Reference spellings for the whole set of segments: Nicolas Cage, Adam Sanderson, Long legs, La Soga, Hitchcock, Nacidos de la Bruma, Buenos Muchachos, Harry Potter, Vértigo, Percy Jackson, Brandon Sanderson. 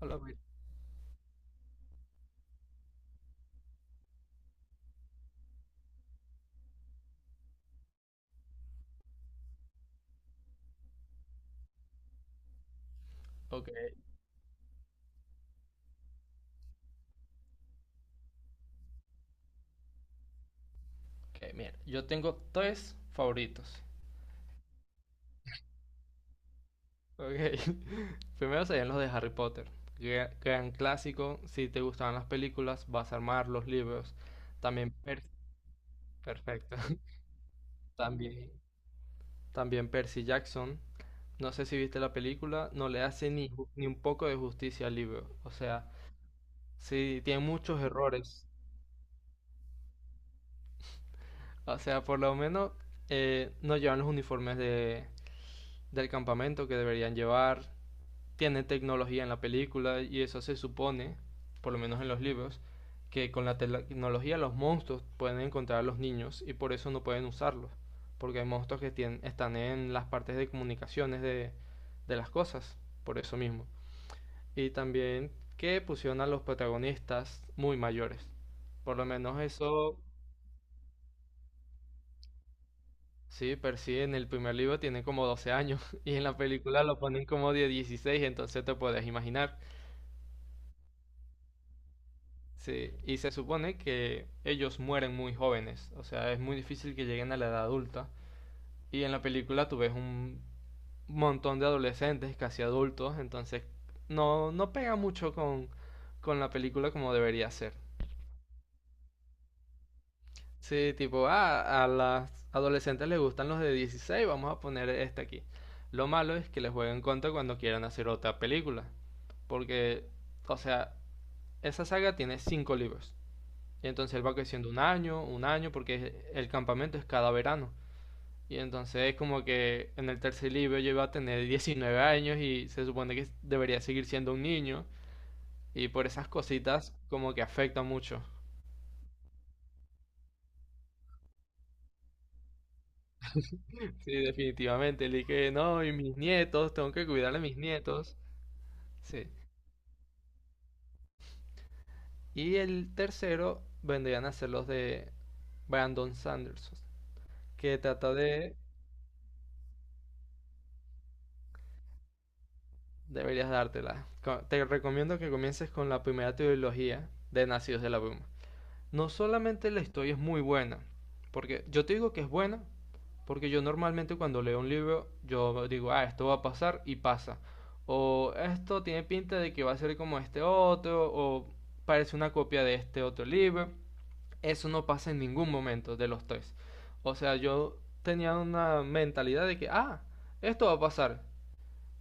A la vez. Ok, ok, mira, yo tengo tres favoritos. Ok, primero serían los de Harry Potter. Gran, gran clásico, si te gustaban las películas, vas a armar los libros. También, perfecto. También, también Percy Jackson. No sé si viste la película, no le hace ni un poco de justicia al libro. O sea, sí, tiene muchos errores. O sea, por lo menos no llevan los uniformes del campamento que deberían llevar. Tiene tecnología en la película y eso se supone, por lo menos en los libros, que con la tecnología los monstruos pueden encontrar a los niños y por eso no pueden usarlos, porque hay monstruos que tienen, están en las partes de comunicaciones de las cosas, por eso mismo. Y también que pusieron a los protagonistas muy mayores, por lo menos eso. Sí, percibe en el primer libro tiene como 12 años y en la película lo ponen como de 16, entonces te puedes imaginar. Sí, y se supone que ellos mueren muy jóvenes, o sea, es muy difícil que lleguen a la edad adulta. Y en la película tú ves un montón de adolescentes, casi adultos, entonces no, no pega mucho con la película como debería ser. Sí, tipo, ah, a las adolescentes les gustan los de 16, vamos a poner este aquí. Lo malo es que les jueguen contra cuando quieran hacer otra película, porque, o sea, esa saga tiene cinco libros. Y entonces él va creciendo un año, porque el campamento es cada verano. Y entonces es como que en el tercer libro yo iba a tener 19 años y se supone que debería seguir siendo un niño. Y por esas cositas como que afecta mucho. Sí, definitivamente. El que no, y mis nietos, tengo que cuidar a mis nietos. Sí. Y el tercero vendrían a ser los de Brandon Sanderson, que trata de. Deberías dártela. Te recomiendo que comiences con la primera trilogía de Nacidos de la Bruma. No solamente la historia es muy buena, porque yo te digo que es buena, porque yo normalmente cuando leo un libro, yo digo, ah, esto va a pasar y pasa. O esto tiene pinta de que va a ser como este otro, o parece una copia de este otro libro. Eso no pasa en ningún momento de los tres. O sea, yo tenía una mentalidad de que, ah, esto va a pasar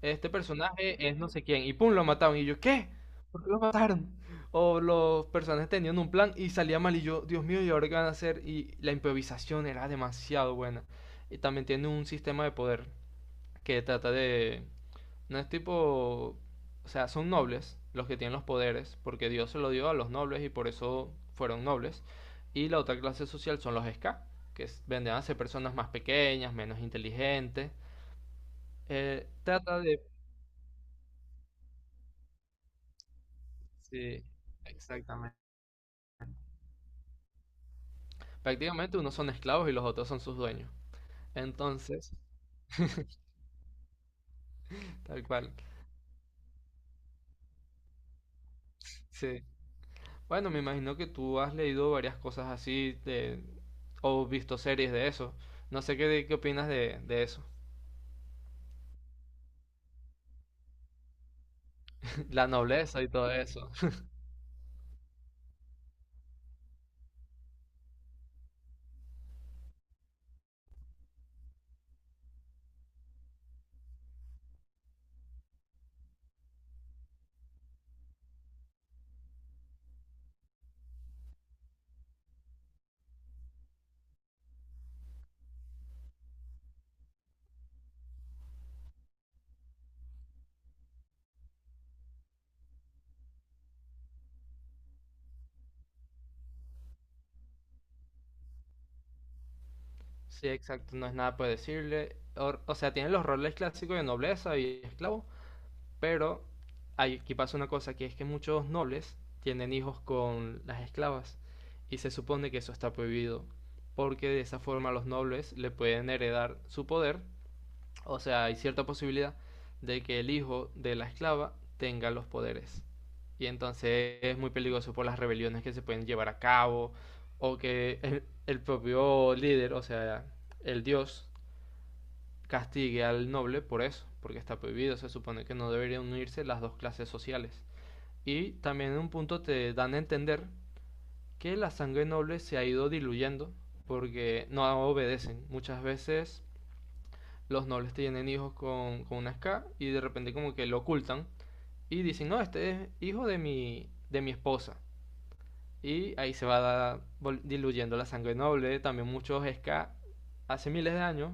este personaje es no sé quién, y pum, lo mataron. Y yo, ¿qué? ¿Por qué lo mataron? O los personajes tenían un plan y salía mal, y yo, Dios mío, ¿y ahora qué van a hacer? Y la improvisación era demasiado buena. Y también tiene un sistema de poder que trata de. No es tipo. O sea, son nobles los que tienen los poderes, porque Dios se lo dio a los nobles y por eso fueron nobles. Y la otra clase social son los ska que vendrían a ser personas más pequeñas, menos inteligentes. Trata de. Sí, exactamente. Prácticamente unos son esclavos y los otros son sus dueños. Entonces, tal cual. Sí. Bueno, me imagino que tú has leído varias cosas así o visto series de eso. No sé qué opinas de eso. La nobleza y todo eso. Sí, exacto, no es nada por decirle. O sea, tienen los roles clásicos de nobleza y esclavo, pero aquí pasa una cosa, que es que muchos nobles tienen hijos con las esclavas y se supone que eso está prohibido, porque de esa forma los nobles le pueden heredar su poder, o sea, hay cierta posibilidad de que el hijo de la esclava tenga los poderes. Y entonces es muy peligroso por las rebeliones que se pueden llevar a cabo o que el propio líder, o sea, el dios, castigue al noble por eso, porque está prohibido, se supone que no deberían unirse las dos clases sociales. Y también en un punto te dan a entender que la sangre noble se ha ido diluyendo porque no obedecen. Muchas veces los nobles tienen hijos con una ska y de repente como que lo ocultan y dicen, no, este es hijo de mi esposa. Y ahí se va diluyendo la sangre noble. También muchos ska hace miles de años.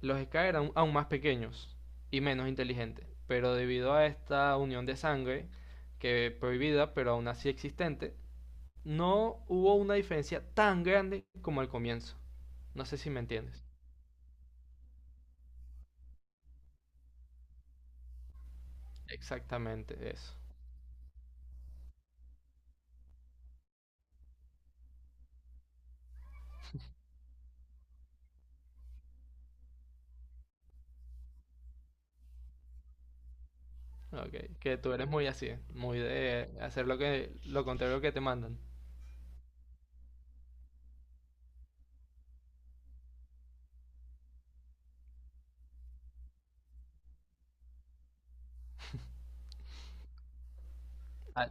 Los Ska eran aún más pequeños y menos inteligentes, pero debido a esta unión de sangre, que prohibida pero aún así existente, no hubo una diferencia tan grande como al comienzo. No sé si me entiendes. Exactamente eso. Okay que tú eres muy así, muy de hacer lo que lo contrario que te mandan. Ah,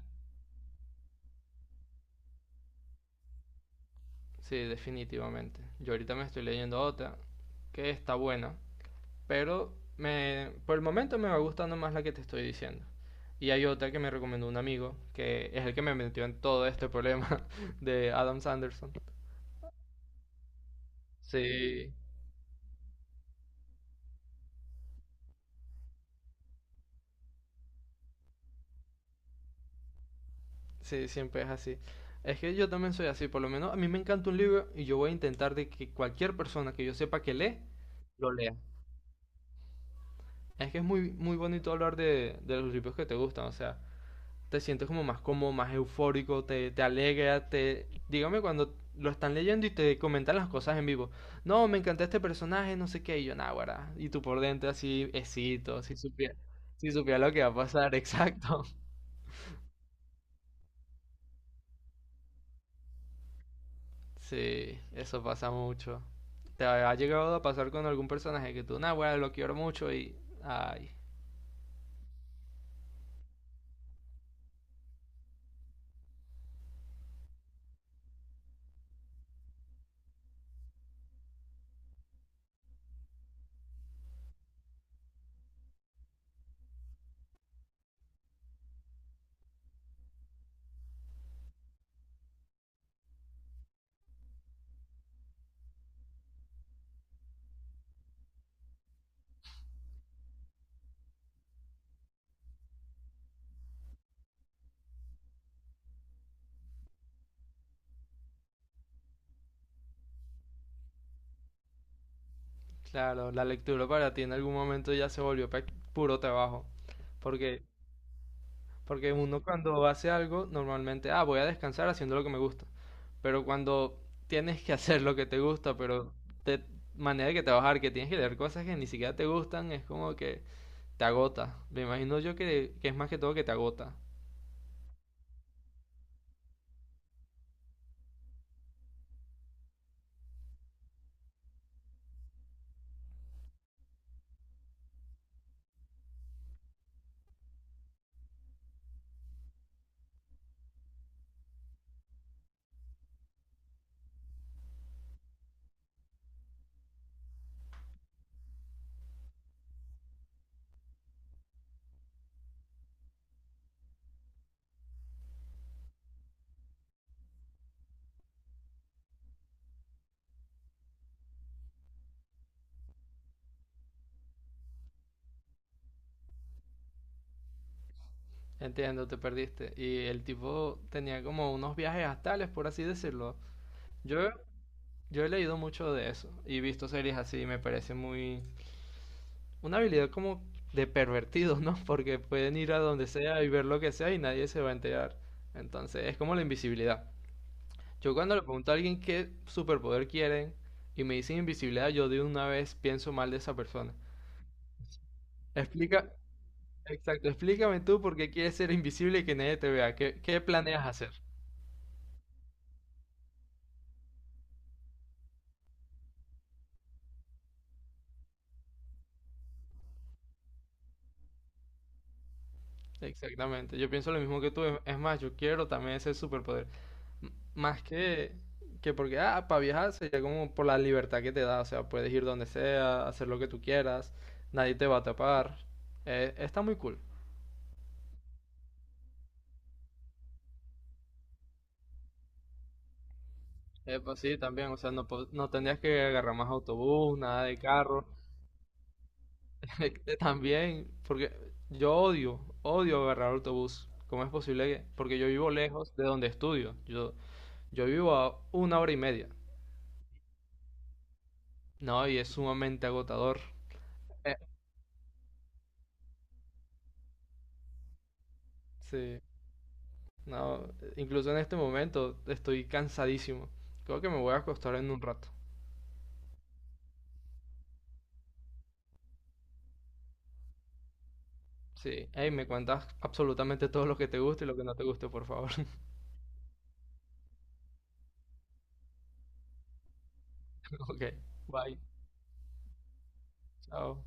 sí, definitivamente. Yo ahorita me estoy leyendo otra que está buena, pero por el momento me va gustando más la que te estoy diciendo. Y hay otra que me recomendó un amigo, que es el que me metió en todo este problema de Adam Sanderson. Sí, sí, siempre es así. Es que yo también soy así, por lo menos a mí me encanta un libro y yo voy a intentar de que cualquier persona que yo sepa que lee, lo lea. Es que es muy, muy bonito hablar de los libros que te gustan, o sea, te sientes como más cómodo, más eufórico, te alegra, Dígame cuando lo están leyendo y te comentan las cosas en vivo. No, me encantó este personaje, no sé qué, y yo, nah, guarda. Y tú por dentro así, esito, si supiera lo que va a pasar, exacto. Sí, eso pasa mucho. ¿Te ha llegado a pasar con algún personaje que tú, nah, guarda, lo quiero mucho? Ay, claro, la lectura para ti en algún momento ya se volvió puro trabajo. Porque Porque uno cuando hace algo, normalmente, ah, voy a descansar haciendo lo que me gusta. Pero cuando tienes que hacer lo que te gusta, pero de manera que trabajar, que tienes que leer cosas que ni siquiera te gustan, es como que te agota. Me imagino yo que es más que todo que te agota. Entiendo, te perdiste. Y el tipo tenía como unos viajes astrales, por así decirlo. Yo, yo he leído mucho de eso y visto series así, me parece muy. Una habilidad como de pervertido, ¿no? Porque pueden ir a donde sea y ver lo que sea y nadie se va a enterar. Entonces, es como la invisibilidad. Yo cuando le pregunto a alguien qué superpoder quieren y me dicen invisibilidad, yo de una vez pienso mal de esa persona. Explica, exacto, explícame tú por qué quieres ser invisible y que nadie te vea. ¿Qué planeas hacer? Exactamente, yo pienso lo mismo que tú. Es más, yo quiero también ese superpoder. Más que porque, ah, para viajar sería como por la libertad que te da, o sea, puedes ir donde sea, hacer lo que tú quieras, nadie te va a tapar. Está muy cool. Pues sí, también, o sea, no, no tendrías que agarrar más autobús, nada de carro. También, porque yo odio, odio agarrar autobús. ¿Cómo es posible que? Porque yo vivo lejos de donde estudio. Yo vivo a una hora y media. No, y es sumamente agotador. Eh, Sí. No, incluso en este momento estoy cansadísimo. Creo que me voy a acostar en un rato. Sí, hey, me cuentas absolutamente todo lo que te gusta y lo que no te guste, por favor. Ok, bye, chao.